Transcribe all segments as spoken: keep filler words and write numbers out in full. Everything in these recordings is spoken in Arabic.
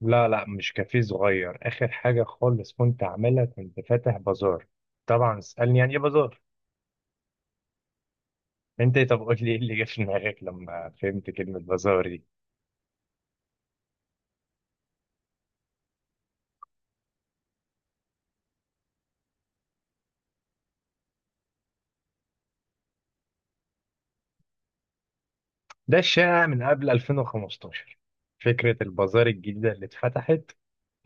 لا لا مش كافيه صغير. آخر حاجة خالص كنت عاملها، كنت فاتح بازار. طبعا اسألني يعني إيه بازار؟ أنت إيه؟ طب قول لي إيه اللي جه في دماغك لما فهمت كلمة بازار دي. ده الشائع من قبل ألفين وخمسة عشر. فكرة البازار الجديدة اللي اتفتحت،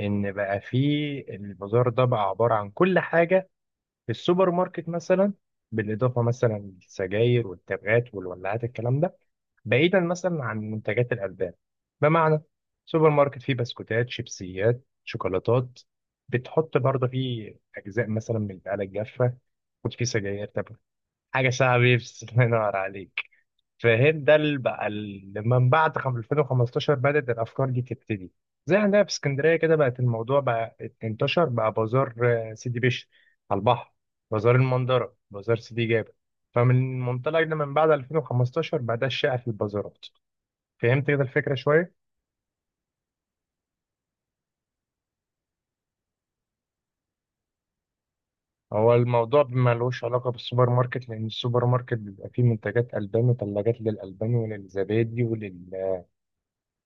إن بقى فيه البازار ده بقى عبارة عن كل حاجة في السوبر ماركت مثلا، بالاضافه مثلا للسجاير والتبغات والولاعات الكلام ده، بعيدا مثلا عن منتجات الالبان. بمعنى سوبر ماركت فيه بسكوتات شيبسيات شوكولاتات، بتحط برضه فيه اجزاء مثلا من البقاله الجافه، وفيه سجاير تبغ. حاجه ساعه بيبس الله ينور عليك. فاهم، ده اللي بقى اللي من بعد خم- ألفين وخمسة عشر بدأت الأفكار دي تبتدي. زي عندنا في اسكندرية كده بقت الموضوع بقى، انتشر بقى بازار. آه، سيدي بشر على البحر، بازار المندرة، بازار سيدي جابر. فمن منطلق ده من بعد ألفين وخمستاشر بقى ده الشائع في البازارات. فهمت كده الفكرة شوية؟ هو الموضوع ملوش علاقة بالسوبر ماركت، لأن السوبر ماركت بيبقى فيه منتجات ألبان وثلاجات للألبان وللزبادي ولل...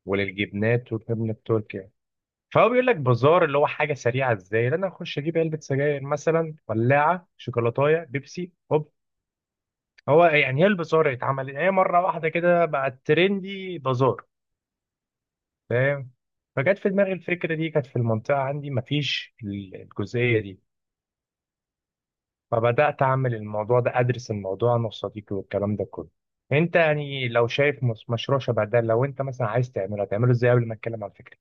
وللجبنات والجبنة التركي. فهو بيقول لك بازار اللي هو حاجه سريعه، ازاي ان انا اخش اجيب علبه سجاير مثلا، ولاعه، شوكولاتايه، بيبسي، هوب. هو يعني ايه البازار؟ اتعمل هي مره واحده كده بقت ترندي بازار. فاهم. فجت في دماغي الفكره دي، كانت في المنطقه عندي مفيش ال- الجزئيه دي. فبدات اعمل الموضوع ده، ادرس الموضوع انا وصديقي والكلام ده كله. انت يعني لو شايف مس- مشروع شبه ده، لو انت مثلا عايز تعمله، هتعمله ازاي قبل ما اتكلم عن الفكره؟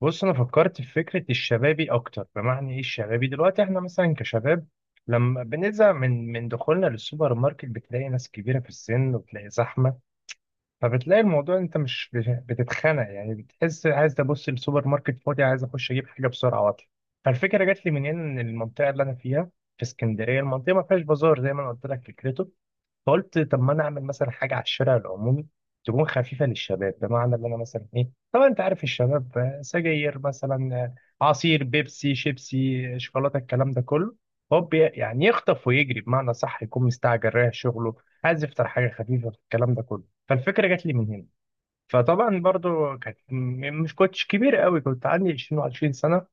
بص، انا فكرت في فكره الشبابي اكتر. بمعنى ايه الشبابي؟ دلوقتي احنا مثلا كشباب لما بنزهق من من دخولنا للسوبر ماركت، بتلاقي ناس كبيره في السن وبتلاقي زحمه، فبتلاقي الموضوع انت مش بت- بتتخنق، يعني بتحس عايز ابص السوبر ماركت فاضي، عايز اخش اجيب حاجه بسرعه واطلع. فالفكره جات لي من هنا، ان المنطقه اللي انا فيها في اسكندريه، المنطقه ما فيهاش بازار زي ما انا قلت لك فكرته. فقلت طب ما انا اعمل مثلا حاجه على الشارع العمومي، تكون خفيفه للشباب. بمعنى ان انا مثلا ايه، طبعا انت عارف الشباب، آه، سجاير مثلا، آه، عصير، بيبسي، شيبسي، آه، شوكولاته، الكلام ده كله. هوب يعني يخطف ويجري، بمعنى صح، يكون مستعجل رايح شغله، عايز يفطر حاجه خفيفه الكلام ده كله. فالفكره جات لي من هنا. فطبعا برضو كانت م- مش كنتش كبير قوي، كنت عندي عشرين و20 سنة.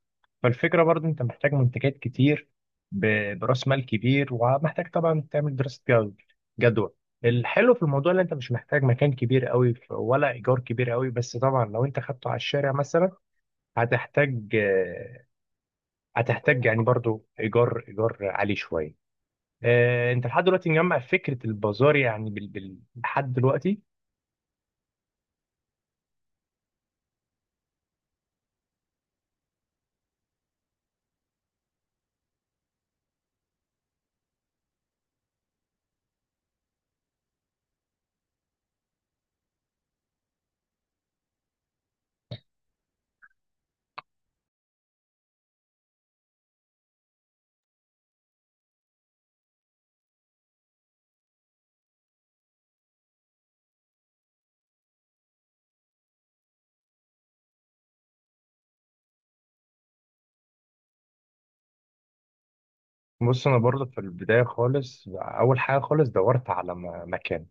فالفكرة برضو انت محتاج منتجات كتير ب- براس مال كبير، ومحتاج طبعا تعمل دراسة جد- جدوى. الحلو في الموضوع ان انت مش محتاج مكان كبير قوي، ف- ولا ايجار كبير قوي، بس طبعا لو انت خدته على الشارع مثلا هتحتاج، آه، هتحتاج يعني برضو ايجار، ايجار عالي شوية. آه، انت لحد دلوقتي مجمع فكرة البازار يعني بال- بال- لحد دلوقتي؟ بص، انا برضه في البدايه خالص، اول حاجه خالص دورت على م- مكان.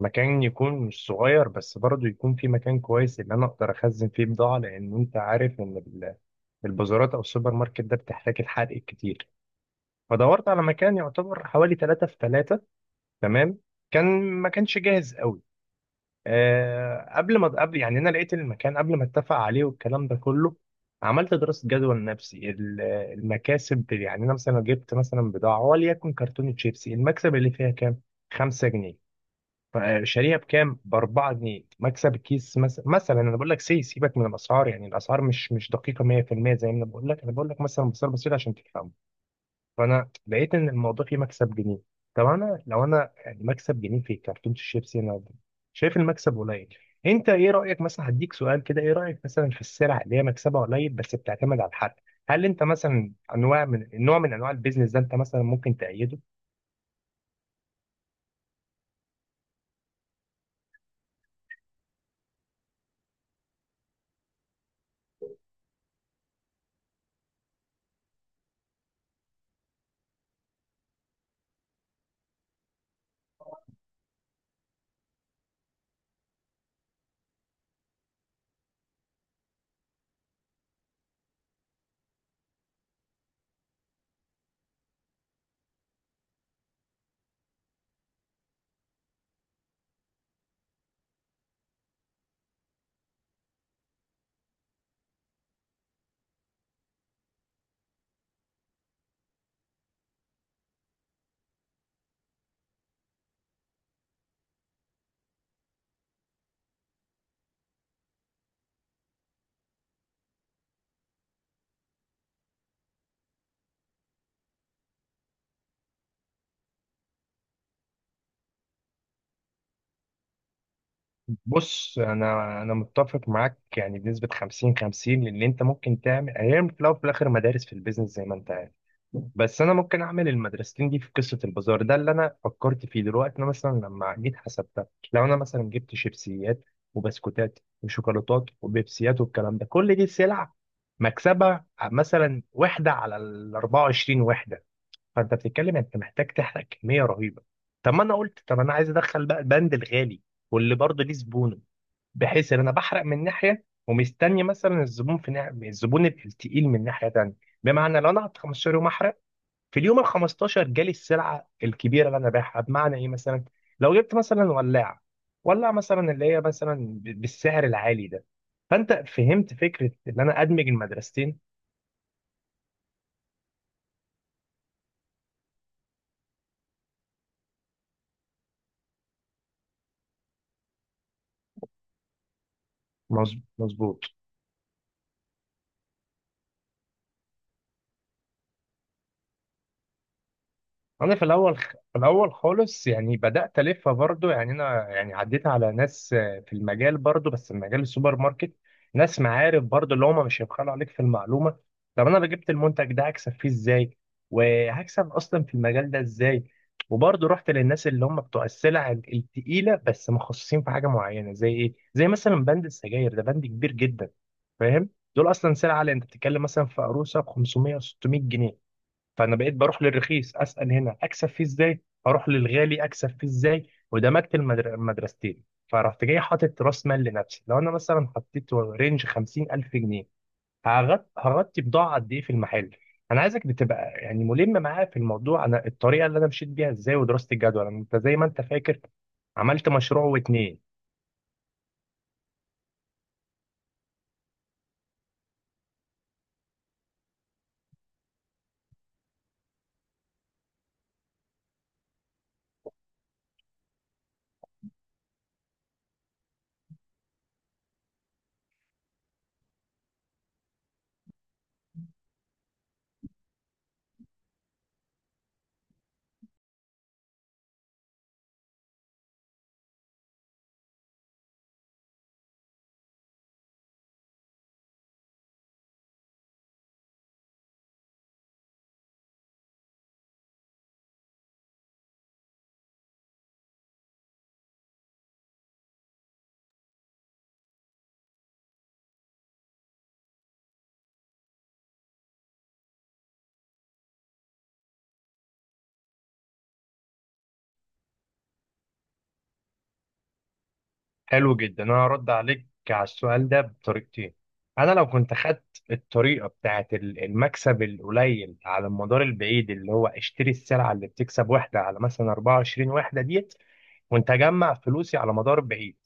مكان يكون مش صغير بس برضه يكون في مكان كويس، اللي انا اقدر اخزن فيه بضاعه، لان انت عارف ان ال- البازارات او السوبر ماركت ده بتحتاج الحرق كتير. فدورت على مكان يعتبر حوالي ثلاثة في ثلاثة. تمام. كان ما كانش جاهز قوي. آه، قبل ما قبل، يعني انا لقيت المكان قبل ما اتفق عليه والكلام ده كله، عملت دراسه جدوى لنفسي ال- المكاسب. يعني انا مثلا لو جبت مثلا بضاعه، وليكن كرتونه شيبسي، المكسب اللي فيها كام؟ خمسة جنيه. فشاريها بكام؟ ب أربع جنيه، مكسب الكيس. مثلا مثلا انا بقول لك، سي سيبك من الاسعار، يعني الاسعار مش مش دقيقه مية في المية، زي ما انا بقول لك، انا بقول لك مثلا بصير بسيط عشان تفهم. فانا لقيت ان الموضوع فيه مكسب جنيه. طب انا لو انا يعني مكسب جنيه في كرتونه الشيبسي، انا شايف المكسب قليل. انت ايه رايك؟ مثلا هديك سؤال كده، ايه رايك مثلا في السلع اللي هي مكسبها قليل بس بتعتمد على الحد؟ هل انت مثلا، انواع من نوع من انواع البيزنس ده انت مثلا ممكن تأيده؟ بص، انا انا متفق معاك يعني بنسبه خمسين خمسين، لان انت ممكن تعمل هي، في الاول وفي الاخر مدارس في البيزنس زي ما انت عارف. بس انا ممكن اعمل المدرستين دي في قصه البازار ده اللي انا فكرت فيه. دلوقتي انا مثلا لما جيت حسبتها، لو انا مثلا جبت شيبسيات وبسكوتات وشوكولاتات وبيبسيات والكلام ده كل دي سلع، مكسبها مثلا وحده على ال أربعة وعشرين وحده. فانت بتتكلم انت محتاج تحرق كميه رهيبه. طب ما انا قلت طب انا عايز ادخل بقى البند الغالي، واللي برضه ليه زبونه، بحيث ان انا بحرق من ناحيه، ومستني مثلا الزبون في ناحية، الزبون التقيل من ناحيه تانيه. بمعنى لو انا قعدت خمستاشر يوم احرق، في اليوم ال الخامس عشر جالي السلعه الكبيره اللي انا بايعها. بمعنى ايه؟ مثلا لو جبت مثلا ولاعه، ولاعه مثلا اللي هي مثلا ب- بالسعر العالي ده، فانت فهمت فكره ان انا ادمج المدرستين. مظ- مظبوط. انا في الاول، في الاول خالص، يعني بدات الفها برضو، يعني انا يعني عديت على ناس، آه، في المجال برضو بس في مجال السوبر ماركت، ناس معارف برضو اللي هم مش هيبخلوا عليك في المعلومه. طب انا لو جبت المنتج ده هكسب فيه ازاي، وهكسب اصلا في المجال ده ازاي. وبرضو رحت للناس اللي هم بتوع السلع ال- التقيله، بس مخصصين في حاجه معينه، زي ايه؟ زي مثلا بند السجاير، ده بند كبير جدا. فاهم؟ دول اصلا سلعه اللي انت بتتكلم مثلا في عروسه ب خمسمائة و ستمائة جنيه. فانا بقيت بروح للرخيص اسال هنا اكسب فيه ازاي، اروح للغالي اكسب فيه ازاي، ودمجت المدر- المدرستين. فرحت جاي حاطط راس مال لنفسي، لو انا مثلا حطيت رينج خمسين ألف جنيه، هغط- هغطي بضاعه قد ايه في المحل. انا عايزك بتبقى يعني ملم معايا في الموضوع، انا الطريقه اللي انا مشيت بيها ازاي ودراسه الجدول انت زي ما انت فاكر عملت مشروع واتنين. حلو جدا، انا هرد عليك على السؤال ده بطريقتين. انا لو كنت خدت الطريقه بتاعت ال- المكسب القليل على المدار البعيد، اللي هو اشتري السلعه اللي بتكسب وحده على مثلا أربعة وعشرين وحده ديت، وانت اجمع فلوسي على مدار بعيد،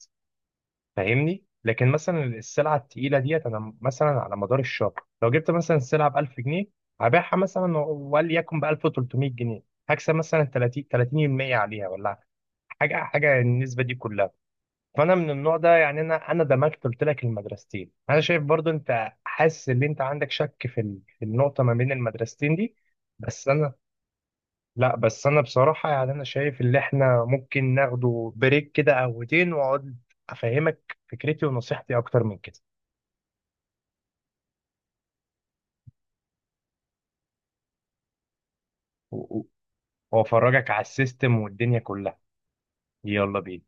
فاهمني. لكن مثلا السلعه التقيله ديت انا مثلا على مدار الشهر، لو جبت مثلا السلعه ب ألف جنيه، هبيعها مثلا وليكن ب ألف وتلتميه جنيه، هكسب مثلا تلاتين تلاتين في المية عليها، ولا حاجه، حاجه النسبه دي كلها. فانا من النوع ده، يعني انا انا دمجت قلت لك المدرستين. انا شايف برضو انت حاسس ان انت عندك شك في ال- في النقطه ما بين المدرستين دي. بس انا لا بس انا بصراحه، يعني انا شايف ان احنا ممكن ناخده بريك كده، قهوتين واقعد افهمك فكرتي ونصيحتي اكتر من كده. و- و- وافرجك على السيستم والدنيا كلها. يلا بينا.